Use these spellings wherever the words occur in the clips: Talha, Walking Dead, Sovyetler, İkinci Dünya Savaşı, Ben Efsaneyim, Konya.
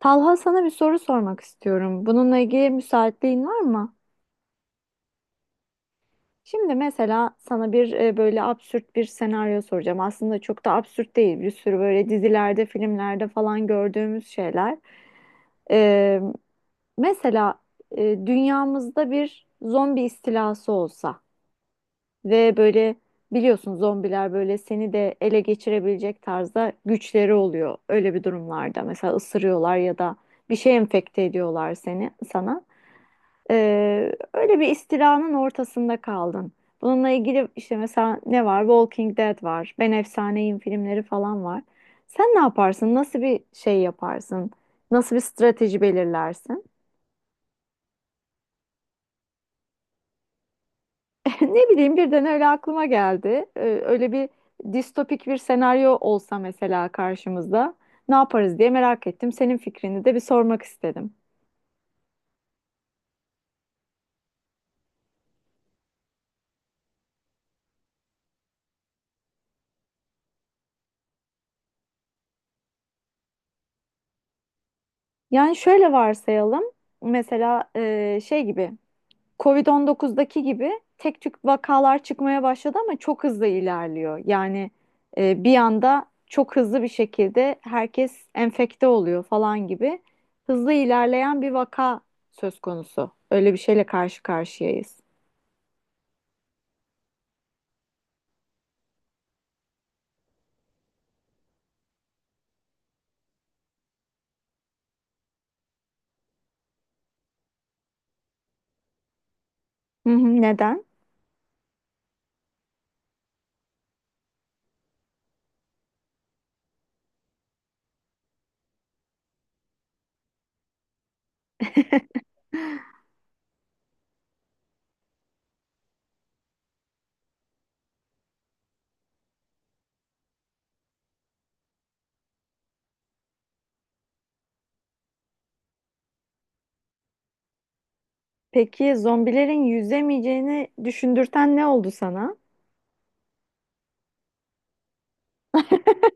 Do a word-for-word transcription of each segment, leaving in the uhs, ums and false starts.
Talha, sana bir soru sormak istiyorum. Bununla ilgili müsaitliğin var mı? Şimdi mesela sana bir e, böyle absürt bir senaryo soracağım. Aslında çok da absürt değil. Bir sürü böyle dizilerde, filmlerde falan gördüğümüz şeyler. Ee, mesela e, dünyamızda bir zombi istilası olsa ve böyle biliyorsun, zombiler böyle seni de ele geçirebilecek tarzda güçleri oluyor. Öyle bir durumlarda mesela ısırıyorlar ya da bir şey enfekte ediyorlar seni sana. Ee, öyle bir istilanın ortasında kaldın. Bununla ilgili işte mesela ne var? Walking Dead var. Ben Efsaneyim filmleri falan var. Sen ne yaparsın? Nasıl bir şey yaparsın? Nasıl bir strateji belirlersin? Ne bileyim, birden öyle aklıma geldi. Ee, öyle bir distopik bir senaryo olsa mesela karşımızda ne yaparız diye merak ettim. Senin fikrini de bir sormak istedim. Yani şöyle varsayalım. Mesela e, şey gibi. kovid on dokuzdaki gibi tek tük vakalar çıkmaya başladı ama çok hızlı ilerliyor. Yani e, bir anda çok hızlı bir şekilde herkes enfekte oluyor falan gibi hızlı ilerleyen bir vaka söz konusu. Öyle bir şeyle karşı karşıyayız. Hı hı, neden? Peki, zombilerin yüzemeyeceğini düşündürten ne oldu sana?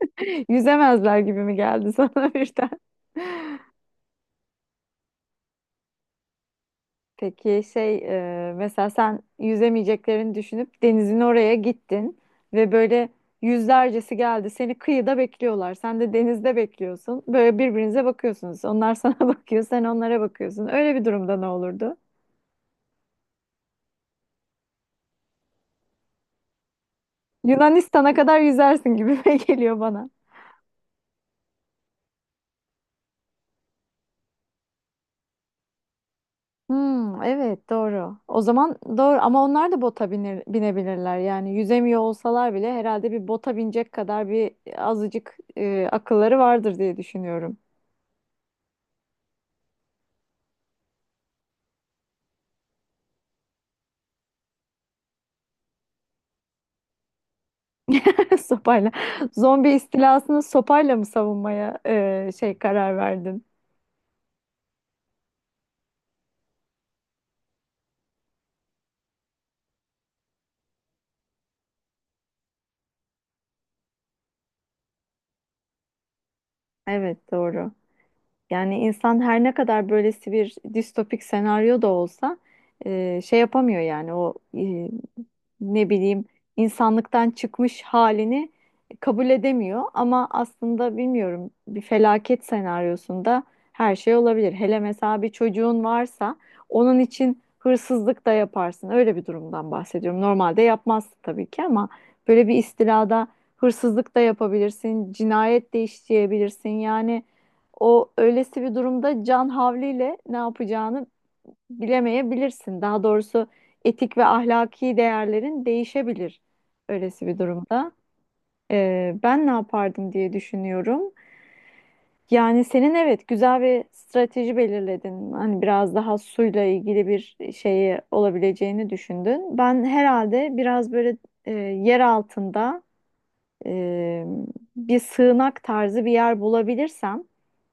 Yüzemezler gibi mi geldi sana birden? Peki, şey e, mesela sen yüzemeyeceklerini düşünüp denizin oraya gittin ve böyle yüzlercesi geldi. Seni kıyıda bekliyorlar. Sen de denizde bekliyorsun. Böyle birbirinize bakıyorsunuz. Onlar sana bakıyor, sen onlara bakıyorsun. Öyle bir durumda ne olurdu? Yunanistan'a kadar yüzersin gibi geliyor bana. Hmm, evet, doğru. O zaman doğru ama onlar da bota binir- binebilirler. Yani yüzemiyor olsalar bile herhalde bir bota binecek kadar bir azıcık e, akılları vardır diye düşünüyorum. Sopayla. Zombi istilasını sopayla mı savunmaya e, şey karar verdin? Evet, doğru. Yani insan her ne kadar böylesi bir distopik senaryo da olsa e, şey yapamıyor, yani o e, ne bileyim, insanlıktan çıkmış halini kabul edemiyor. Ama aslında bilmiyorum, bir felaket senaryosunda her şey olabilir. Hele mesela bir çocuğun varsa onun için hırsızlık da yaparsın. Öyle bir durumdan bahsediyorum. Normalde yapmazsın tabii ki, ama böyle bir istilada hırsızlık da yapabilirsin, cinayet de işleyebilirsin. Yani o öylesi bir durumda can havliyle ne yapacağını bilemeyebilirsin. Daha doğrusu etik ve ahlaki değerlerin değişebilir öylesi bir durumda. Ee, ben ne yapardım diye düşünüyorum. Yani senin, evet, güzel bir strateji belirledin. Hani biraz daha suyla ilgili bir şeyi olabileceğini düşündün. Ben herhalde biraz böyle e, yer altında e, bir sığınak tarzı bir yer bulabilirsem,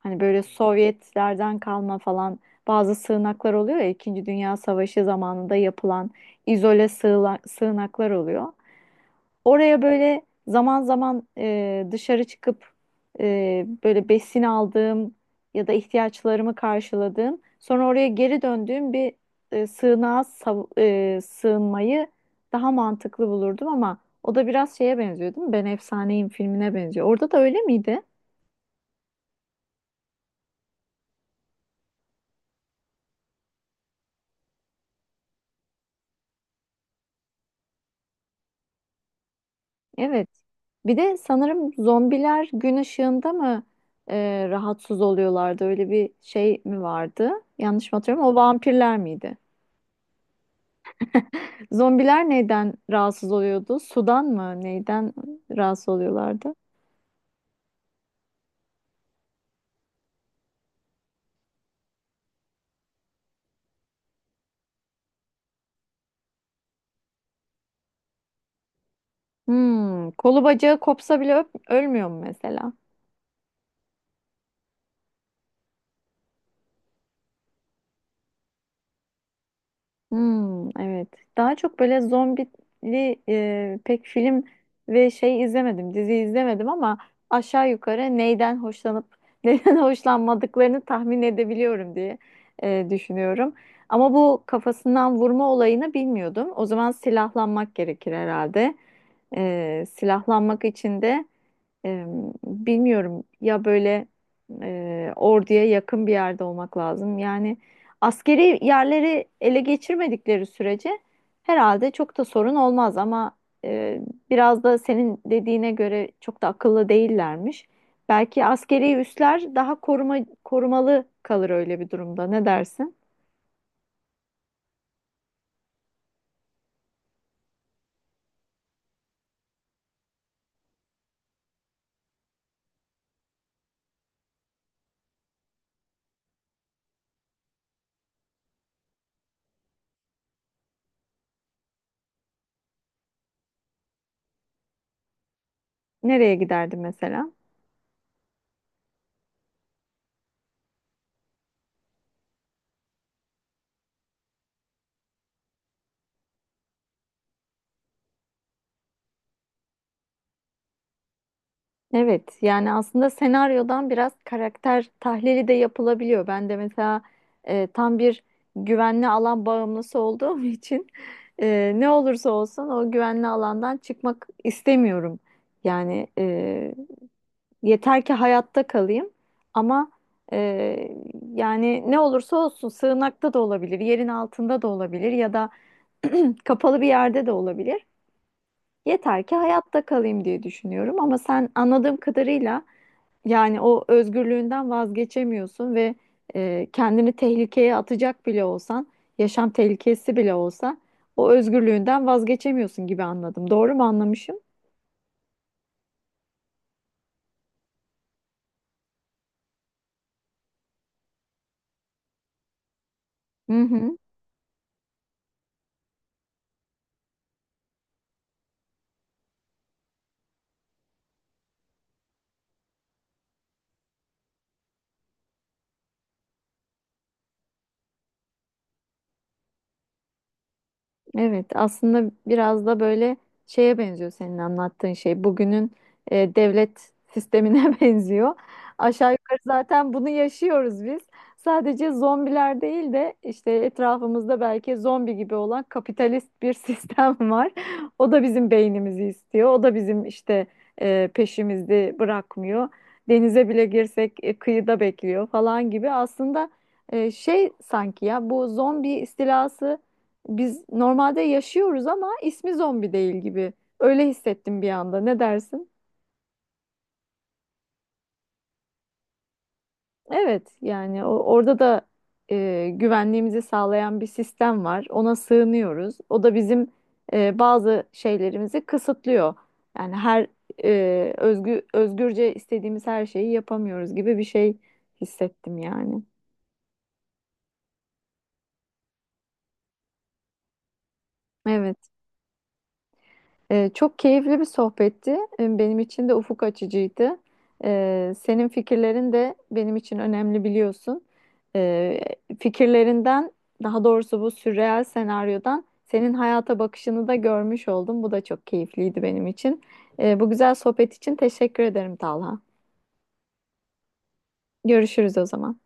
hani böyle Sovyetlerden kalma falan bazı sığınaklar oluyor ya, İkinci Dünya Savaşı zamanında yapılan izole sığla- sığınaklar oluyor. Oraya böyle zaman zaman e, dışarı çıkıp e, böyle besin aldığım ya da ihtiyaçlarımı karşıladığım, sonra oraya geri döndüğüm bir e, sığınağa sav- e, sığınmayı daha mantıklı bulurdum ama o da biraz şeye benziyor, değil mi? Ben Efsaneyim filmine benziyor. Orada da öyle miydi? Evet. Bir de sanırım zombiler gün ışığında mı e, rahatsız oluyorlardı? Öyle bir şey mi vardı? Yanlış mı hatırlıyorum? O vampirler miydi? Zombiler neyden rahatsız oluyordu? Sudan mı? Neyden rahatsız oluyorlardı? Hmm, kolu bacağı kopsa bile öp- ölmüyor mu mesela? Hmm, evet. Daha çok böyle zombili e, pek film ve şey izlemedim, dizi izlemedim, ama aşağı yukarı neyden hoşlanıp neyden hoşlanmadıklarını tahmin edebiliyorum diye e, düşünüyorum. Ama bu kafasından vurma olayını bilmiyordum. O zaman silahlanmak gerekir herhalde. E, silahlanmak için de Eee, bilmiyorum ya, böyle eee, orduya yakın bir yerde olmak lazım. Yani askeri yerleri ele geçirmedikleri sürece herhalde çok da sorun olmaz ama eee, biraz da senin dediğine göre çok da akıllı değillermiş. Belki askeri üsler daha koruma, korumalı kalır öyle bir durumda. Ne dersin? Nereye giderdi mesela? Evet, yani aslında senaryodan biraz karakter tahlili de yapılabiliyor. Ben de mesela e, tam bir güvenli alan bağımlısı olduğum için e, ne olursa olsun o güvenli alandan çıkmak istemiyorum. Yani e, yeter ki hayatta kalayım, ama e, yani ne olursa olsun sığınakta da olabilir, yerin altında da olabilir ya da kapalı bir yerde de olabilir. Yeter ki hayatta kalayım diye düşünüyorum, ama sen anladığım kadarıyla yani o özgürlüğünden vazgeçemiyorsun ve e, kendini tehlikeye atacak bile olsan, yaşam tehlikesi bile olsa o özgürlüğünden vazgeçemiyorsun gibi anladım. Doğru mu anlamışım? Hı hı. Evet, aslında biraz da böyle şeye benziyor senin anlattığın şey. Bugünün e, devlet sistemine benziyor. Aşağı yukarı zaten bunu yaşıyoruz biz. Sadece zombiler değil de işte etrafımızda belki zombi gibi olan kapitalist bir sistem var. O da bizim beynimizi istiyor. O da bizim işte e, peşimizi bırakmıyor. Denize bile girsek e, kıyıda bekliyor falan gibi. Aslında e, şey sanki ya bu zombi istilası biz normalde yaşıyoruz ama ismi zombi değil gibi. Öyle hissettim bir anda. Ne dersin? Evet, yani o- orada da e, güvenliğimizi sağlayan bir sistem var. Ona sığınıyoruz. O da bizim e, bazı şeylerimizi kısıtlıyor. Yani her e, özgü, özgürce istediğimiz her şeyi yapamıyoruz gibi bir şey hissettim yani. Evet. Ee, çok keyifli bir sohbetti. Ee, Benim için de ufuk açıcıydı. Ee, senin fikirlerin de benim için önemli, biliyorsun. Ee, fikirlerinden, daha doğrusu bu sürreal senaryodan senin hayata bakışını da görmüş oldum. Bu da çok keyifliydi benim için. Ee, bu güzel sohbet için teşekkür ederim, Talha. Görüşürüz o zaman.